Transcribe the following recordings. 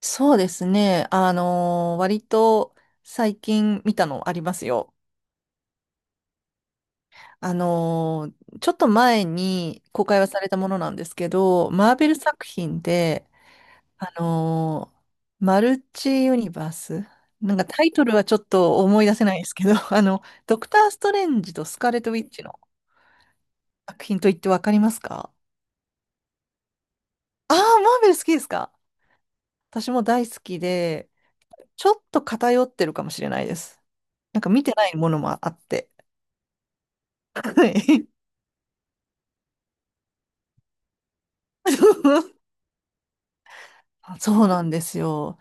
そうですね。割と最近見たのありますよ。ちょっと前に公開はされたものなんですけど、マーベル作品で、あのーマルチユニバース。なんかタイトルはちょっと思い出せないですけど、ドクター・ストレンジとスカーレット・ウィッチの作品といってわかりますか？ああー、マーベル好きですか？私も大好きで、ちょっと偏ってるかもしれないです。なんか見てないものもあって。はい。そうなんですよ。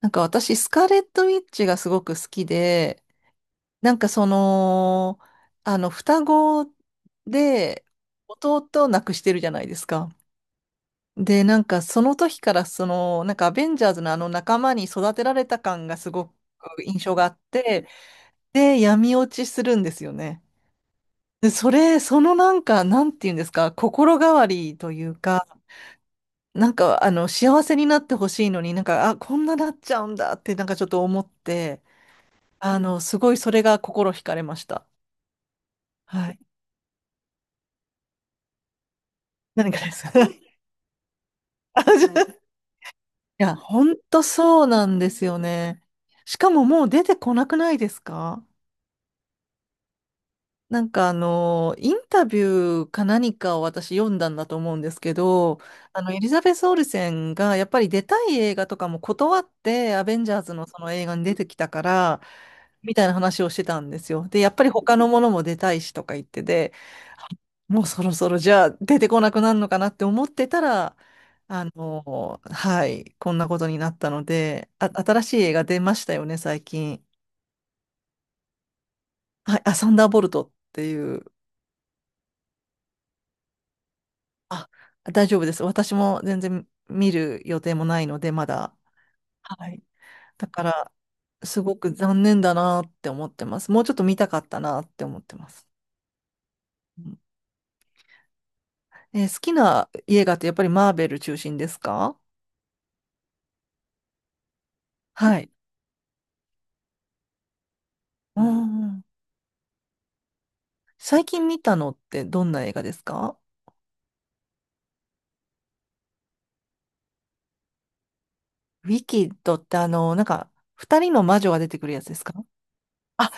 なんか私、スカーレット・ウィッチがすごく好きで、なんかその、双子で弟を亡くしてるじゃないですか。で、なんかその時からその、なんかアベンジャーズのあの仲間に育てられた感がすごく印象があって、で、闇落ちするんですよね。で、それ、そのなんか、なんていうんですか、心変わりというか、なんか、幸せになってほしいのに、なんか、あ、こんななっちゃうんだって、なんかちょっと思って、すごいそれが心惹かれました。はい。何かです。あじゃあ。 いや、ほんとそうなんですよね。しかももう出てこなくないですか？なんかインタビューか何かを私読んだんだと思うんですけど、エリザベス・オルセンがやっぱり出たい映画とかも断って、アベンジャーズのその映画に出てきたから、みたいな話をしてたんですよ。で、やっぱり他のものも出たいしとか言ってて、もうそろそろじゃあ出てこなくなるのかなって思ってたら、はい、こんなことになったので、あ、新しい映画出ましたよね、最近。はい、あ、サンダーボルトっていう。あ、大丈夫です。私も全然見る予定もないので、まだ。はい。だから、すごく残念だなって思ってます。もうちょっと見たかったなって思ってます。うん。好きな映画ってやっぱりマーベル中心ですか？はい。うんうん。最近見たのってどんな映画ですか？ウィキッドってなんか、二人の魔女が出てくるやつですか？あ、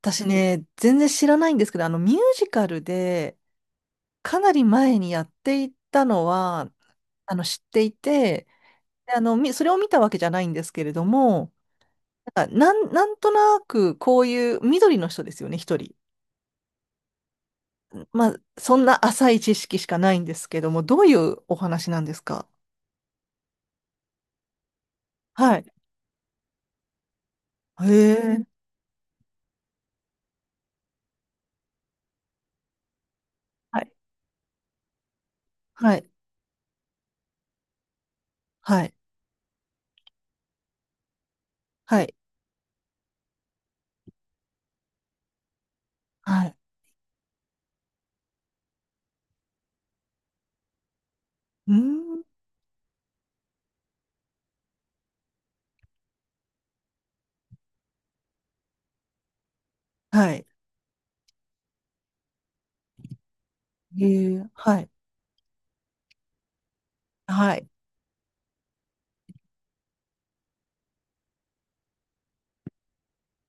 私ね、全然知らないんですけど、ミュージカルで、かなり前にやっていたのは、知っていて、でそれを見たわけじゃないんですけれども、なんか、なんとなくこういう緑の人ですよね、一人。まあ、そんな浅い知識しかないんですけども、どういうお話なんですか？はい。へえ。はい。はい。はい。はい。はい。うーん。はい。へえ。はい。はい。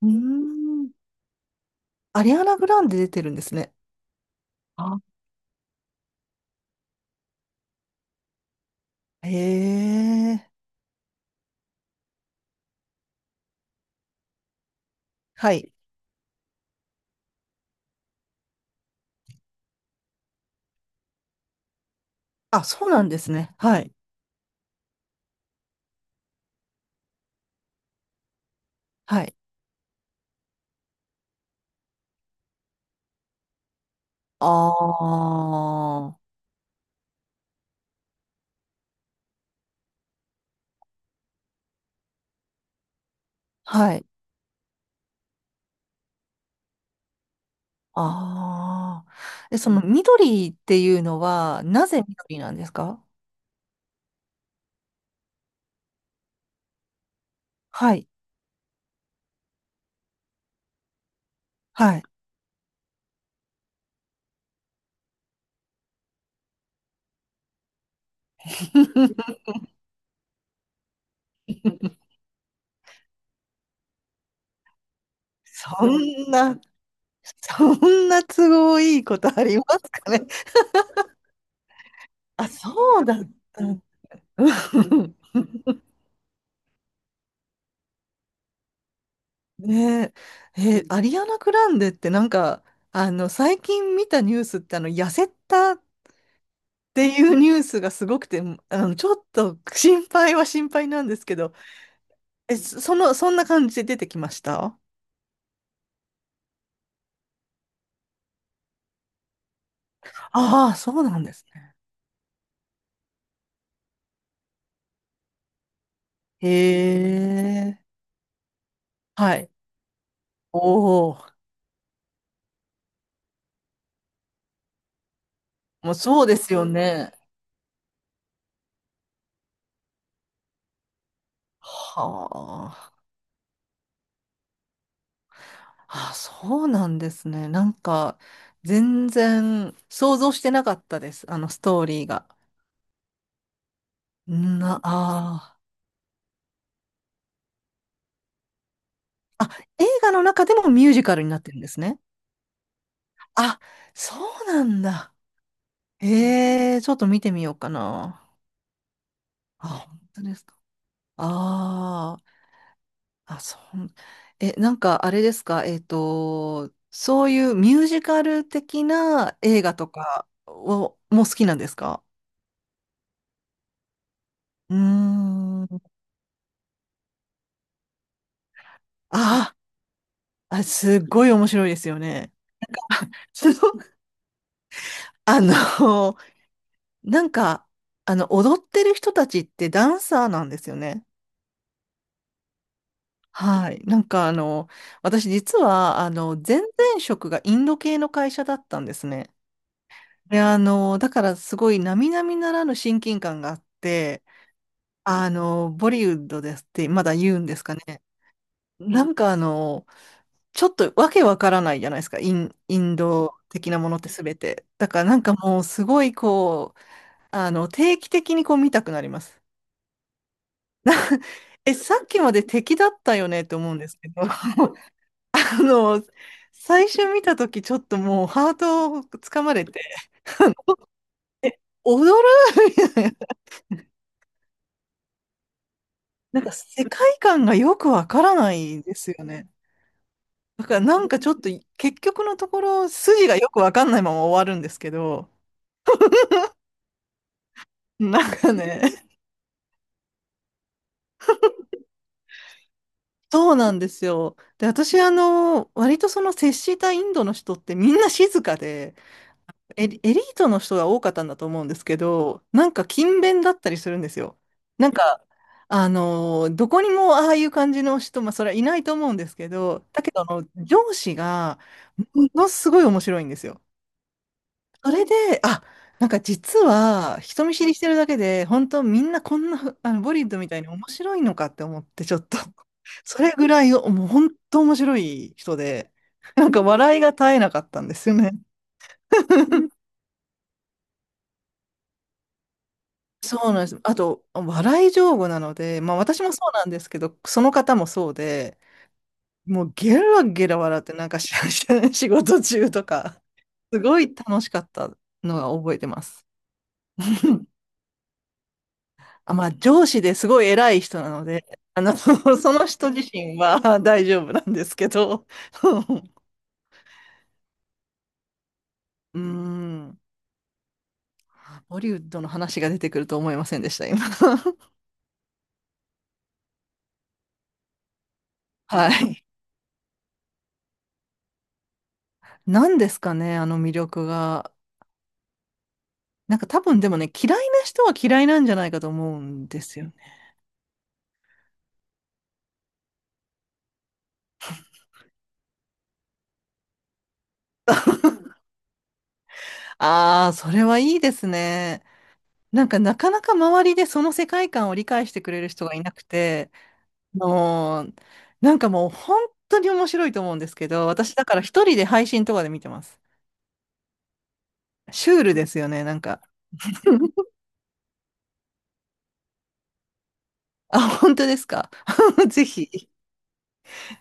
うーん。アリアナ・グランデ出てるんですね。あ。へえ。はい。あ、そうなんですね。はい。はい。ああ、はい。ああ。え、その緑っていうのは、なぜ緑なんですか？はい。はい。そんな、そんな都合いいことありますかね。あ、そうだった。うん。 ねえ、え、アリアナ・グランデってなんか、最近見たニュースって、痩せたっていうニュースがすごくて、ちょっと心配は心配なんですけど、え、その、そんな感じで出てきました？ああ、そうなんですね。へえ。はい。おお、もうそうですよね。はあ、あ、そうなんですね。なんか、全然想像してなかったです。あのストーリーが。ああ。あ、映画の中でもミュージカルになってるんですね。あ、そうなんだ。ええ、ちょっと見てみようかな。あ、本当ですか？ああ、あ、そう。え、なんかあれですか、そういうミュージカル的な映画とかを、もう好きなんですか？うーん。ああ、すっごい面白いですよね。その あの、なんか、踊ってる人たちってダンサーなんですよね。はい。なんか私実は前々職がインド系の会社だったんですね。で、だからすごい並々ならぬ親近感があって、ボリウッドですってまだ言うんですかね。なんかちょっとわけわからないじゃないですか。インド的なものってすべて。だからなんかもうすごいこう、定期的にこう見たくなります。な え、さっきまで敵だったよねって思うんですけど。あの、最初見たとき、ちょっともうハートをつかまれて、あの踊るみたいな、なんか世界観がよくわからないですよね。だからなんかちょっと、結局のところ、筋がよくわかんないまま終わるんですけど、なんかね、そうなんですよ。で、私、割とその接したインドの人ってみんな静かで、エリートの人が多かったんだと思うんですけど、なんか勤勉だったりするんですよ。なんか、どこにもああいう感じの人、まあ、それはいないと思うんですけど、だけど、上司が、ものすごい面白いんですよ。それで、あ、なんか実は、人見知りしてるだけで、本当みんなこんな、ボリッドみたいに面白いのかって思って、ちょっとそれぐらい、もう本当面白い人で、なんか笑いが絶えなかったんですよね。そうなんです。あと、笑い上手なので、まあ私もそうなんですけど、その方もそうで、もうゲラゲラ笑って、なんか仕事中とか、すごい楽しかったのが覚えてます。あ、まあ上司ですごい偉い人なので、その人自身は 大丈夫なんですけど、うーん、ボリウッドの話が出てくると思いませんでした、今。はい。何ですかね、あの魅力が。なんか多分でもね、嫌いな人は嫌いなんじゃないかと思うんですよね。ああ、それはいいですね。なんかなかなか周りでその世界観を理解してくれる人がいなくて、もう、なんかもう本当に面白いと思うんですけど、私だから一人で配信とかで見てます。シュールですよね、なんか。あ、本当ですか？ぜひ。